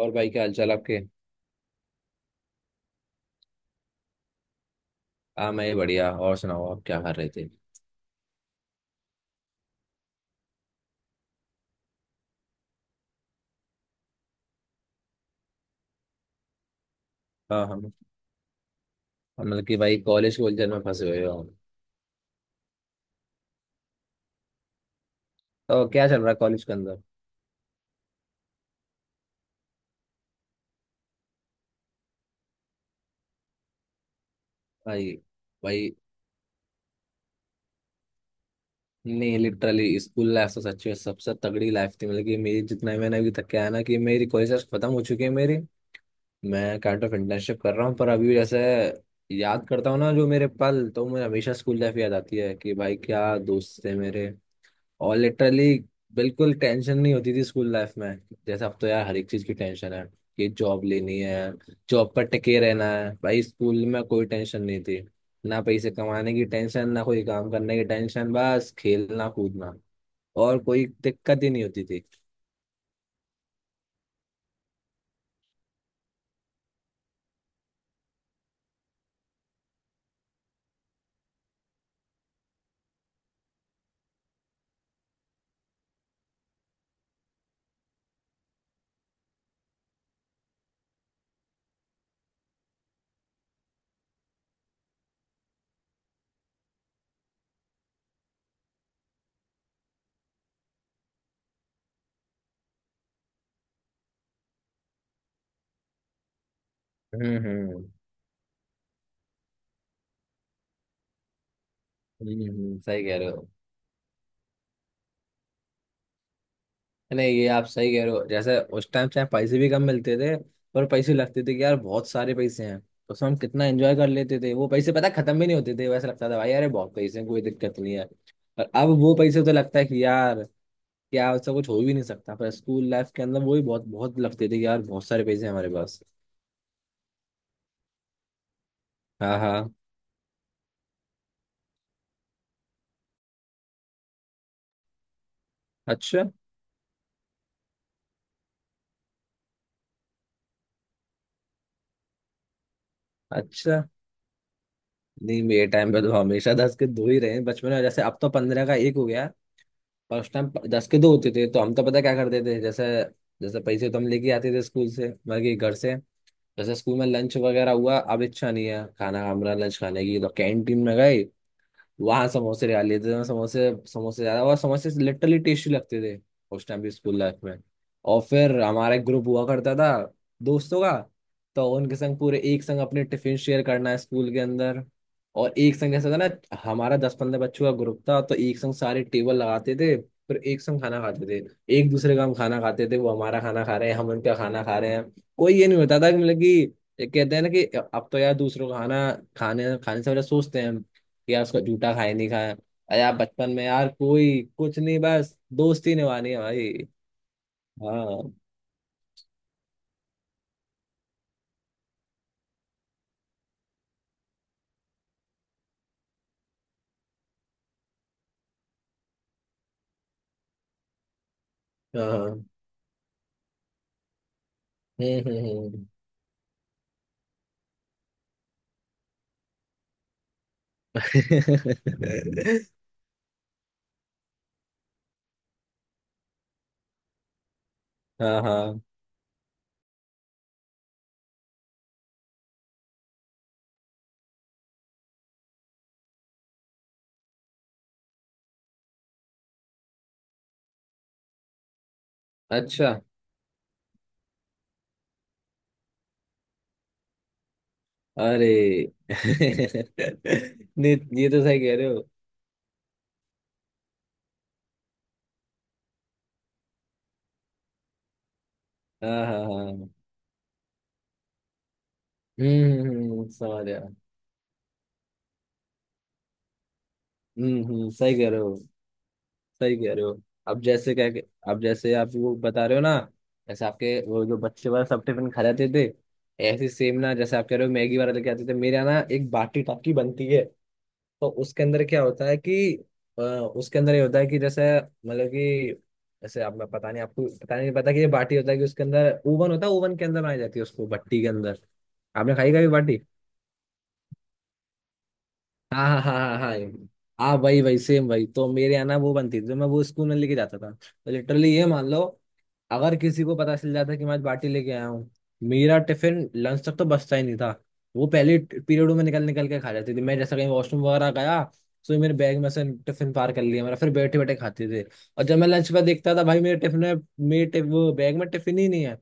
और भाई, क्या हालचाल आपके? हाँ, मैं बढ़िया। और सुनाओ, आप क्या कर रहे थे? हाँ। हम मतलब कि भाई, कॉलेज के उलझन में फंसे हुए हो? तो क्या चल रहा है कॉलेज के अंदर? भाई। भाई। नहीं, लिटरली स्कूल लाइफ तो सच में सबसे तगड़ी लाइफ थी। मतलब कि मेरी, जितना मैंने अभी तक, क्या है ना, कि मेरी कॉलेज लाइफ खत्म हो चुकी है मेरी। मैं काइंड ऑफ इंटर्नशिप कर रहा हूँ, पर अभी जैसे याद करता हूँ ना जो मेरे पल, तो मुझे हमेशा स्कूल लाइफ याद आती है कि भाई क्या दोस्त थे मेरे। और लिटरली बिल्कुल टेंशन नहीं होती थी स्कूल लाइफ में। जैसे अब तो यार हर एक चीज की टेंशन है, कि जॉब लेनी है, जॉब पर टिके रहना है। भाई स्कूल में कोई टेंशन नहीं थी, ना पैसे कमाने की टेंशन, ना कोई काम करने की टेंशन, बस खेलना कूदना। और कोई दिक्कत ही नहीं होती थी। हम्म। हम्म। सही कह रहे हो। नहीं, ये आप सही कह रहे हो। जैसे उस टाइम चाहे पैसे भी कम मिलते थे, पर पैसे लगते थे कि यार बहुत सारे पैसे हैं, तो उसमें हम कितना एंजॉय कर लेते थे वो पैसे, पता है, खत्म भी नहीं होते थे। वैसा लगता था भाई, अरे बहुत पैसे हैं, कोई दिक्कत नहीं है। और अब वो पैसे तो लगता है कि यार क्या, उससे कुछ हो भी नहीं सकता, पर स्कूल लाइफ के अंदर वो भी बहुत बहुत लगते थे कि यार बहुत सारे पैसे हैं हमारे पास। हाँ हाँ। अच्छा। अच्छा। नहीं, मेरे टाइम पे तो हमेशा 10 के दो ही रहे हैं बचपन में। जैसे अब तो 15 का एक हो गया, और उस टाइम 10 के दो होते थे। तो हम तो पता क्या करते थे? जैसे जैसे पैसे तो हम लेके आते थे स्कूल से, मतलब कि घर से। जैसे स्कूल में लंच वगैरह हुआ, अब इच्छा नहीं है खाना, हमारा लंच खाने की, तो कैंटीन में गए। वहाँ समोसे ले लेते थे, समोसे समोसे ज्यादा, और समोसे लिटरली टेस्टी लगते थे उस टाइम भी स्कूल लाइफ में। और फिर हमारा एक ग्रुप हुआ करता था दोस्तों का। तो उनके संग पूरे एक संग अपने टिफिन शेयर करना है स्कूल के अंदर। और एक संग जैसा था ना, हमारा 10-15 बच्चों का ग्रुप था, तो एक संग सारे टेबल लगाते थे, फिर एक संग खाना खाते थे। एक दूसरे का हम खाना खाते थे, वो हमारा खाना खा रहे हैं, हम उनका खाना खा रहे हैं। कोई ये नहीं होता था कि, मतलब कि ये कहते हैं ना कि, अब तो यार दूसरों का खाना खाने खाने से पहले सोचते हैं कि यार उसका जूठा खाए नहीं खाया। अरे यार बचपन में यार कोई कुछ नहीं, बस दोस्ती निभानी है भाई। हाँ हाँ। हम्म। हाँ हाँ। अच्छा। अरे। नहीं, ये तो सही कह रहे हो। हाँ हाँ हाँ। समझ गया। हम्म, सही कह रहे हो, सही कह रहे हो। अब जैसे क्या, अब जैसे आप वो बता रहे हो ना, जैसे आपके वो जो बच्चे वाला सब टिफिन खा जाते थे, ऐसे सेम ना, जैसे आप कह रहे हो मैगी वाला लेके आते थे, मेरे यहाँ ना एक बाटी टाकी बनती है। तो उसके अंदर क्या होता है कि, उसके अंदर ये होता है कि, जैसे मतलब कि, जैसे आप, मैं पता नहीं आपको पता नहीं पता कि ये बाटी होता है कि उसके अंदर ओवन होता है, ओवन के अंदर बनाई जाती है उसको, भट्टी के अंदर। आपने खाई कभी बाटी? हाँ हाँ हाँ हाँ हाँ। हाँ, वही वही सेम वही। तो मेरे यहाँ ना वो बनती थी, तो मैं वो स्कूल में लेके जाता था, तो लिटरली ये मान लो, अगर किसी को पता चल जाता कि मैं आज बाटी लेके आया हूँ, मेरा टिफिन लंच तक तो बचता ही नहीं था। वो पहले पीरियडों में निकल निकल के खा जाते थे। मैं जैसा कहीं वॉशरूम वगैरह गया, तो ये मेरे बैग में से टिफिन पार कर लिया मेरा, फिर बैठे बैठे खाते थे। और जब मैं लंच पर देखता था भाई मेरे टिफिन में, वो बैग में टिफिन ही नहीं है।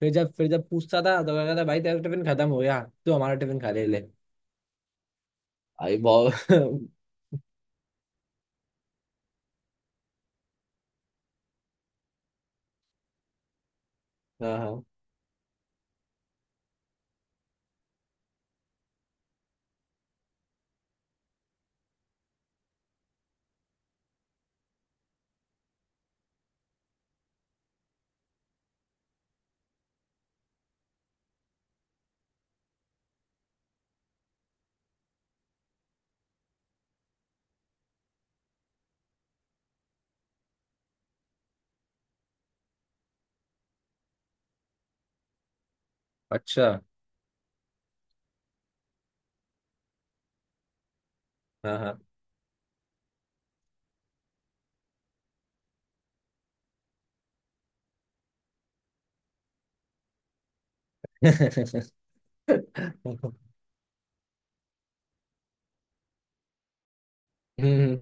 फिर जब पूछता था, तो कहता था भाई तेरा टिफिन खत्म हो गया, तो हमारा टिफिन खा ले ले। भाई बहुत हाँ हाँ। अच्छा। हाँ हाँ। हम्म।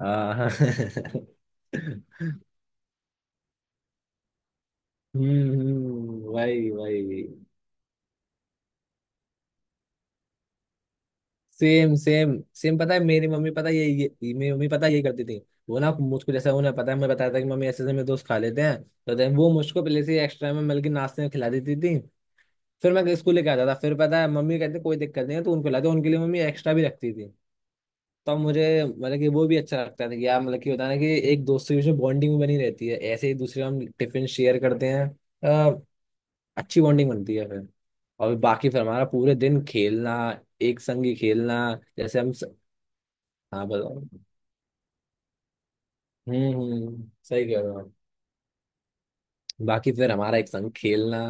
हाँ हाँ। वही वही। सेम सेम सेम, पता है मेरी मम्मी पता है ये मेरी मम्मी पता है ये करती थी। वो ना मुझको, जैसा उन्हें पता है, मैं बताया था कि मम्मी ऐसे ऐसे मेरे दोस्त खा लेते हैं, तो then वो मुझको पहले से एक्स्ट्रा में, मतलब कि नाश्ते में खिला देती थी। फिर मैं स्कूल लेके आता था, फिर पता है मम्मी कहते कोई दिक्कत नहीं है, तो उनको खिलाते, उनके लिए मम्मी एक्स्ट्रा भी रखती थी। तो मुझे, मतलब कि वो भी अच्छा लगता था कि यार, मतलब कि होता है ना कि एक दोस्त के बीच में बॉन्डिंग बनी रहती है, ऐसे ही दूसरे हम टिफिन शेयर करते हैं, अच्छी बॉन्डिंग बनती है फिर। और बाकी फिर हमारा पूरे दिन खेलना, एक संग ही खेलना, जैसे हम स... हाँ बताओ। सही कह रहे हो आप। बाकी फिर हमारा एक संग खेलना।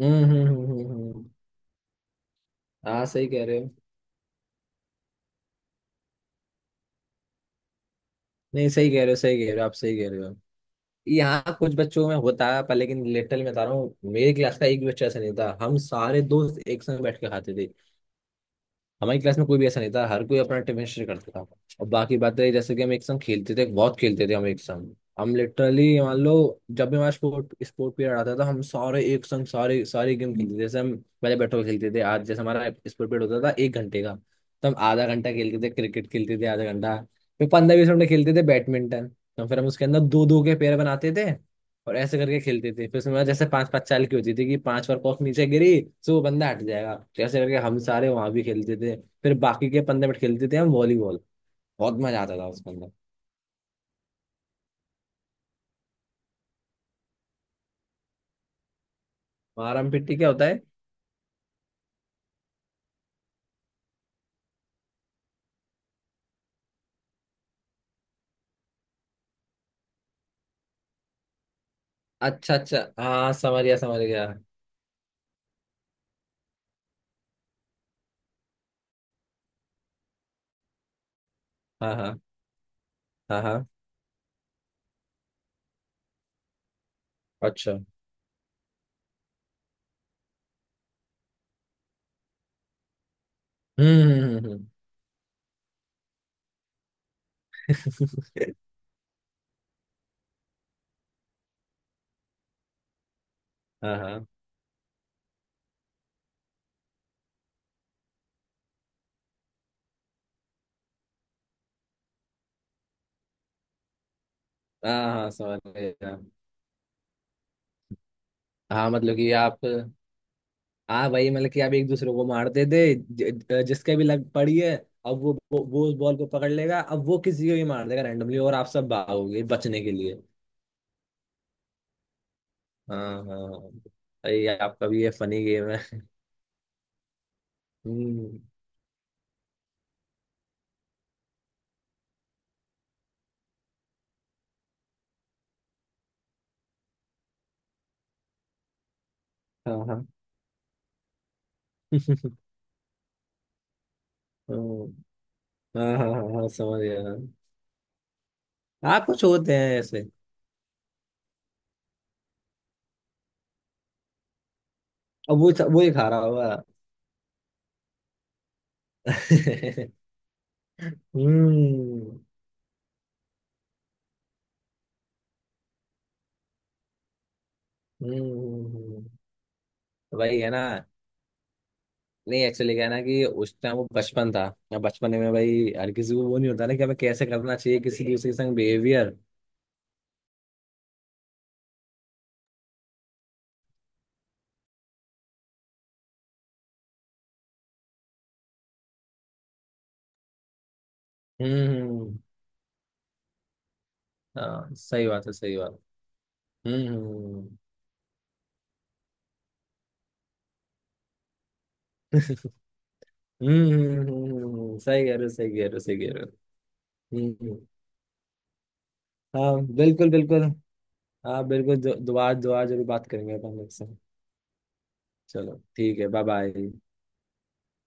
हम्म। हाँ सही कह रहे हो। नहीं सही कह रहे हो, सही कह रहे हो आप, सही कह रहे हो। यहाँ कुछ बच्चों में होता है, पर लेकिन लिटरली मैं बता रहा हूँ, मेरे क्लास का एक भी बच्चा ऐसा नहीं था। हम सारे दोस्त एक संग बैठ के खाते थे। हमारी क्लास में कोई भी ऐसा नहीं था, हर कोई अपना टिफिन शेयर करता था। और बाकी बात रही जैसे कि हम एक संग खेलते थे, बहुत खेलते थे हम एक संग। हम लिटरली मान लो, जब भी हमारा स्पोर्ट स्पोर्ट पीरियड आता था, हम सारे एक संग सारे सारे गेम खेलते थे। जैसे हम पहले बैट बॉल खेलते थे। आज जैसे हमारा स्पोर्ट पीरियड होता था 1 घंटे का, तो हम आधा घंटा खेलते थे क्रिकेट, खेलते थे आधा घंटा। फिर 15-20 मिनट खेलते थे बैडमिंटन। तो फिर हम उसके अंदर दो दो के पेयर बनाते थे और ऐसे करके खेलते थे। फिर उसमें मतलब जैसे पांच पांच चाल की होती थी, कि 5 बार कॉक नीचे गिरी, तो वो बंदा हट जाएगा। तो ऐसे करके हम सारे वहां भी खेलते थे। फिर बाकी के 15 मिनट खेलते थे हम वॉलीबॉल। बहुत मजा आता था उसके अंदर। मारम पिट्टी क्या होता है? अच्छा अच्छा, हाँ समझ गया समझ गया। हाँ हाँ हाँ हाँ। अच्छा। हम्म हम्म हम्म हम्म। हाँ हाँ हाँ हाँ। समझ गया। हाँ मतलब कि आप, हाँ वही मतलब कि आप एक दूसरे को मारते थे, जिसके भी लग पड़ी है, अब वो उस बॉल को पकड़ लेगा, अब वो किसी को भी मार देगा रैंडमली, और आप सब भागोगे बचने के लिए। हाँ हाँ। भाई आपका भी ये फनी गेम है। हम्म, हाँ हाँ। हम्म, हाँ हाँ हाँ हाँ, समझ गया। हाँ कुछ होते हैं ऐसे। अब वो ही खा रहा होगा। हम्म हम्म हम्म, हम्म। वही है ना। नहीं, एक्चुअली क्या है ना कि उस टाइम वो बचपन था, अब बचपन में भाई हर किसी को वो नहीं होता ना, कि हमें कैसे करना चाहिए किसी दूसरे के संग बिहेवियर। हम्म हम्म, हम्म। हाँ सही बात है, सही बात। हम्म हम्म सही कह रहे हो, सही कह रहे हो, सही कह रहे हो। हम्म। हाँ बिल्कुल बिल्कुल। हाँ बिल्कुल दोबारा दोबारा जरूर बात करेंगे अपन लोग से। चलो ठीक है, बाय बाय।